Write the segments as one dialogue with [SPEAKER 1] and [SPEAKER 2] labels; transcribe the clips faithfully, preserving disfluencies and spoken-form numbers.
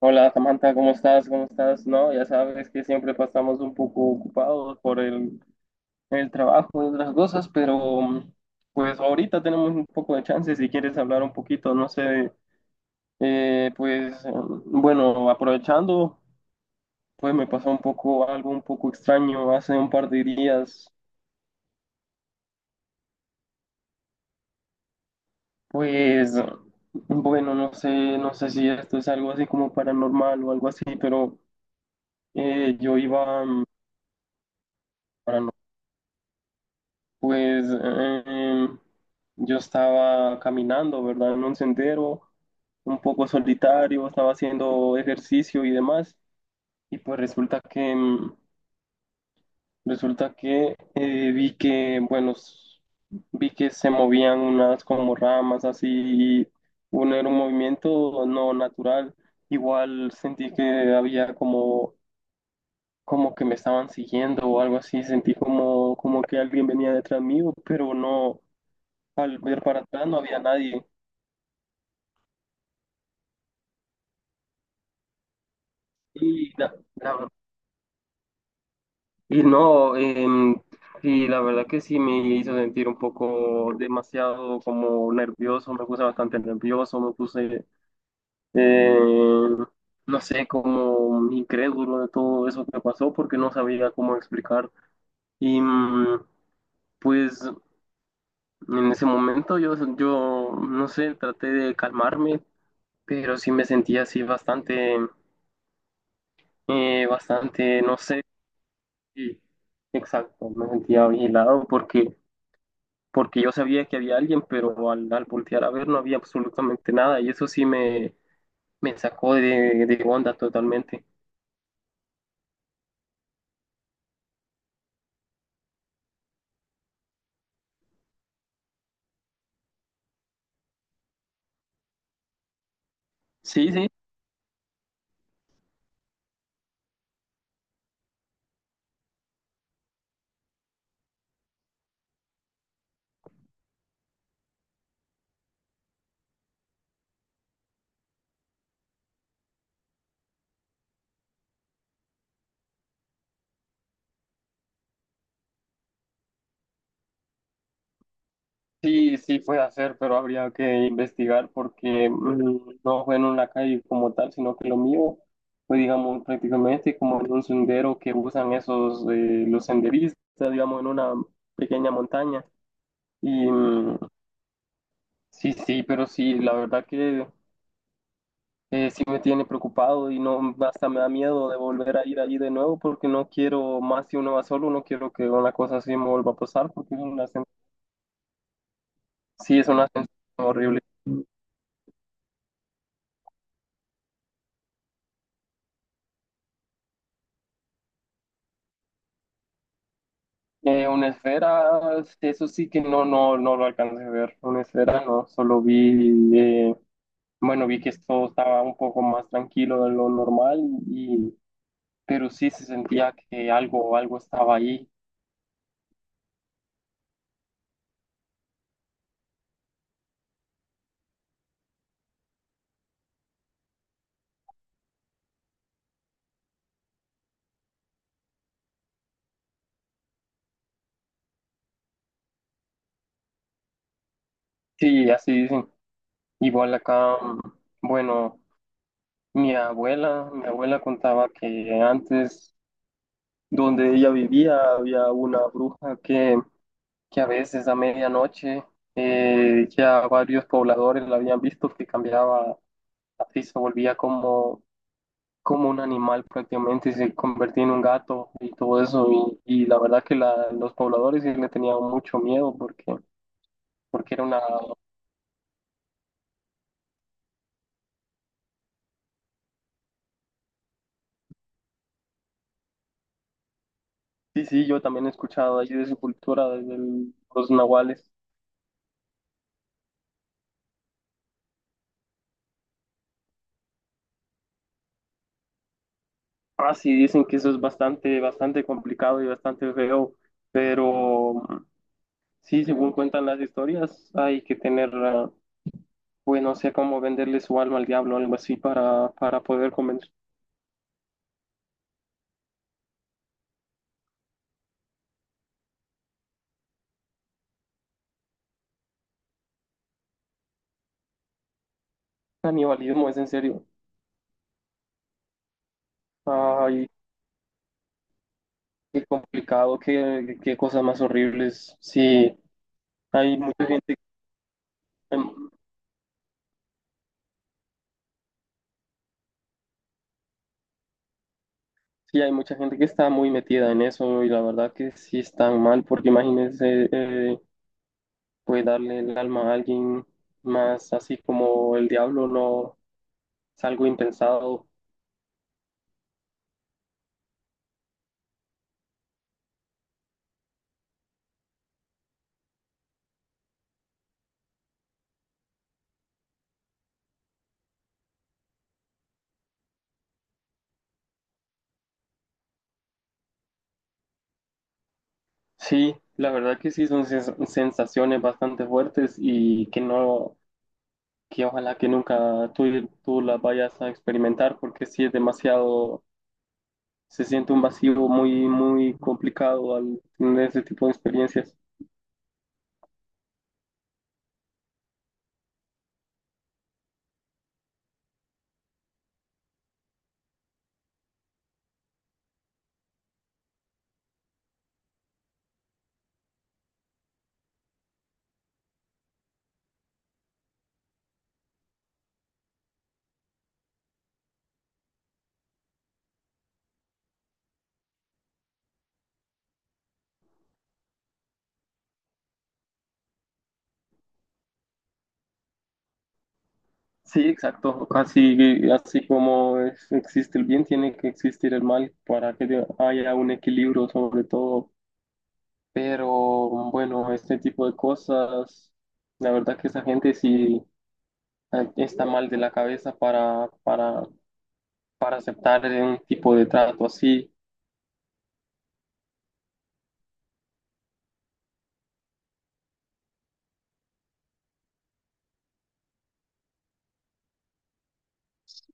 [SPEAKER 1] Hola Samantha, ¿cómo estás? ¿Cómo estás? No, ya sabes que siempre pasamos un poco ocupados por el, el trabajo y otras cosas, pero mm, pues ahorita tenemos un poco de chance si quieres hablar un poquito, no sé, eh, pues mm, bueno, aprovechando, pues me pasó un poco algo un poco extraño hace un par de días, pues bueno, no sé, no sé si esto es algo así como paranormal o algo así, pero eh, yo iba... mm, para Pues eh, yo estaba caminando, ¿verdad? En un sendero un poco solitario, estaba haciendo ejercicio y demás, y pues resulta que mm, resulta que eh, vi que, bueno, s- vi que se movían unas como ramas así, y uno era un movimiento no natural. Igual sentí que había como como que me estaban siguiendo o algo así, sentí como, como que alguien venía detrás mío, pero no, al ver para atrás no había nadie. Y, la- la- y no, em, y la verdad que sí me hizo sentir un poco demasiado como nervioso, me puse bastante nervioso, me puse, eh, no sé, como incrédulo de todo eso que pasó porque no sabía cómo explicar. Y mm, pues en ese momento yo, yo, no sé, traté de calmarme, pero sí me sentía así bastante, eh, bastante, no sé, sí, exacto, me sentía vigilado porque, porque yo sabía que había alguien, pero al, al voltear a ver no había absolutamente nada y eso sí me, me sacó de, de onda totalmente. Sí, sí. Sí, sí fue hacer, pero habría que investigar porque mm, no fue en una calle como tal, sino que lo mío fue, digamos, prácticamente como en un sendero que usan esos, eh, los senderistas, digamos, en una pequeña montaña. Y mm, sí, sí, pero sí, la verdad que eh, sí me tiene preocupado y no, hasta me da miedo de volver a ir allí de nuevo porque no quiero más si uno va solo, no quiero que una cosa así me vuelva a pasar porque es una sen- sí es una sensación horrible. Eh, una esfera, eso sí que no, no, no lo alcancé a ver. Una esfera no, solo vi, eh, bueno, vi que esto estaba un poco más tranquilo de lo normal, y, pero sí se sentía que algo, algo estaba ahí. Sí, así dicen. Igual acá, mm, bueno, mi abuela, mi abuela contaba que antes donde ella vivía había una bruja que, que a veces a medianoche eh, ya varios pobladores la habían visto que cambiaba, así se volvía como, como un animal prácticamente, se convertía en un gato y todo eso. Y, y la verdad que la- los pobladores sí le tenían mucho miedo porque, porque era una... Sí, sí, yo también he escuchado allí de su cultura, de los nahuales. Ah, sí, dicen que eso es bastante, bastante complicado y bastante feo, pero sí, según cuentan las historias, hay que tener, ah, pues no sé cómo venderle su alma al diablo o algo así para, para poder convencer. Canibalismo es en serio. Ay, qué complicado, qué, qué cosas más horribles. Sí, hay mucha gente, em, sí, hay mucha gente que está muy metida en eso y la verdad que sí están mal, porque imagínense, eh, pues darle el alma a alguien más así como el diablo no es algo impensado. Sí, la verdad que sí son sens- sensaciones bastante fuertes y que no, que ojalá que nunca tú, tú las vayas a experimentar porque sí es demasiado, se siente un vacío muy, muy complicado al tener ese tipo de experiencias. Sí, exacto. Así, así como es- existe el bien, tiene que existir el mal para que haya un equilibrio sobre todo. Pero bueno, este tipo de cosas, la verdad que esa gente sí eh, está mal de la cabeza para, para, para aceptar un tipo de trato así.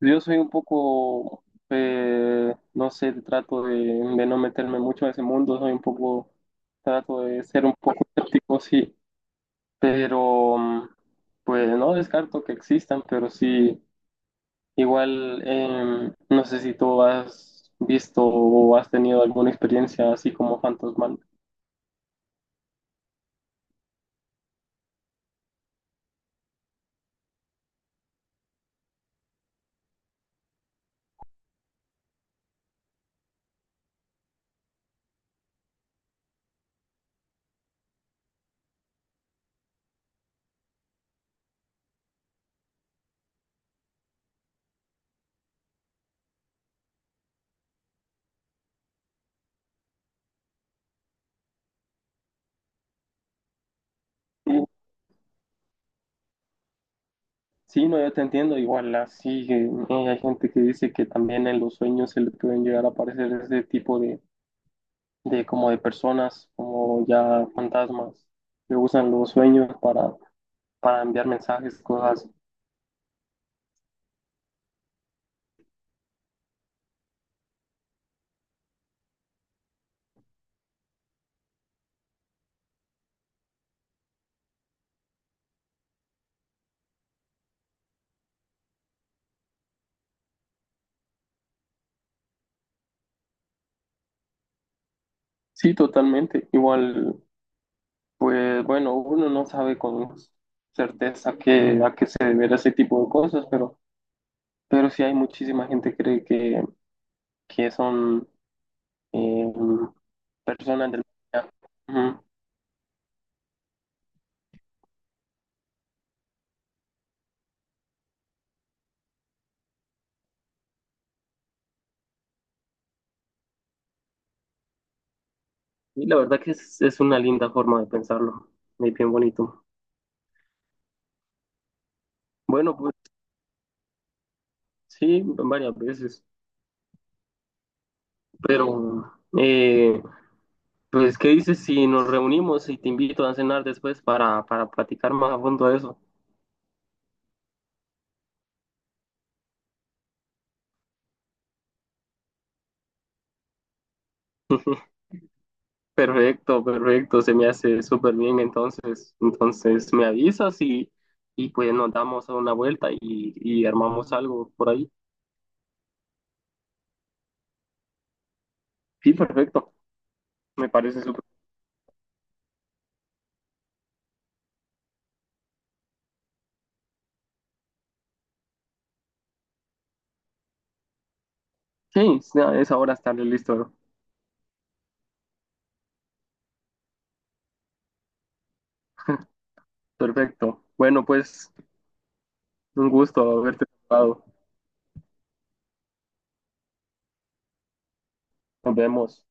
[SPEAKER 1] Yo soy un poco, eh, no sé, trato de, de no meterme mucho a ese mundo, soy un poco, trato de ser un poco escéptico, sí, pero mm, pues no descarto que existan, pero sí. Igual, em, no sé si tú has visto o has tenido alguna experiencia así como fantasmal. Sí, sí, no, yo te entiendo. Igual, así eh, hay gente que dice que también en los sueños se le pueden llegar a aparecer ese tipo de, de como de personas, como ya fantasmas, que usan los sueños para, para enviar mensajes, cosas. Así. Sí, totalmente. Igual, pues bueno, uno no sabe con certeza que, a qué se deberá ese tipo de cosas, pero... Pero sí hay muchísima gente que cree que, que son eh, personas del... Ujú. Y la verdad que es, es una linda forma de pensarlo, es bien bonito. Bueno, pues sí, varias veces, pero eh, pues ¿qué dices si nos reunimos y te invito a cenar después para, para platicar más a fondo de eso? Perfecto, perfecto, se me hace súper bien, entonces, entonces me avisas y, y pues nos damos una vuelta y, y armamos algo por ahí. Sí, perfecto. Me parece súper. Sí, ya es ahora estarle listo. Perfecto. Bueno, pues un gusto haberte saludado. Nos vemos.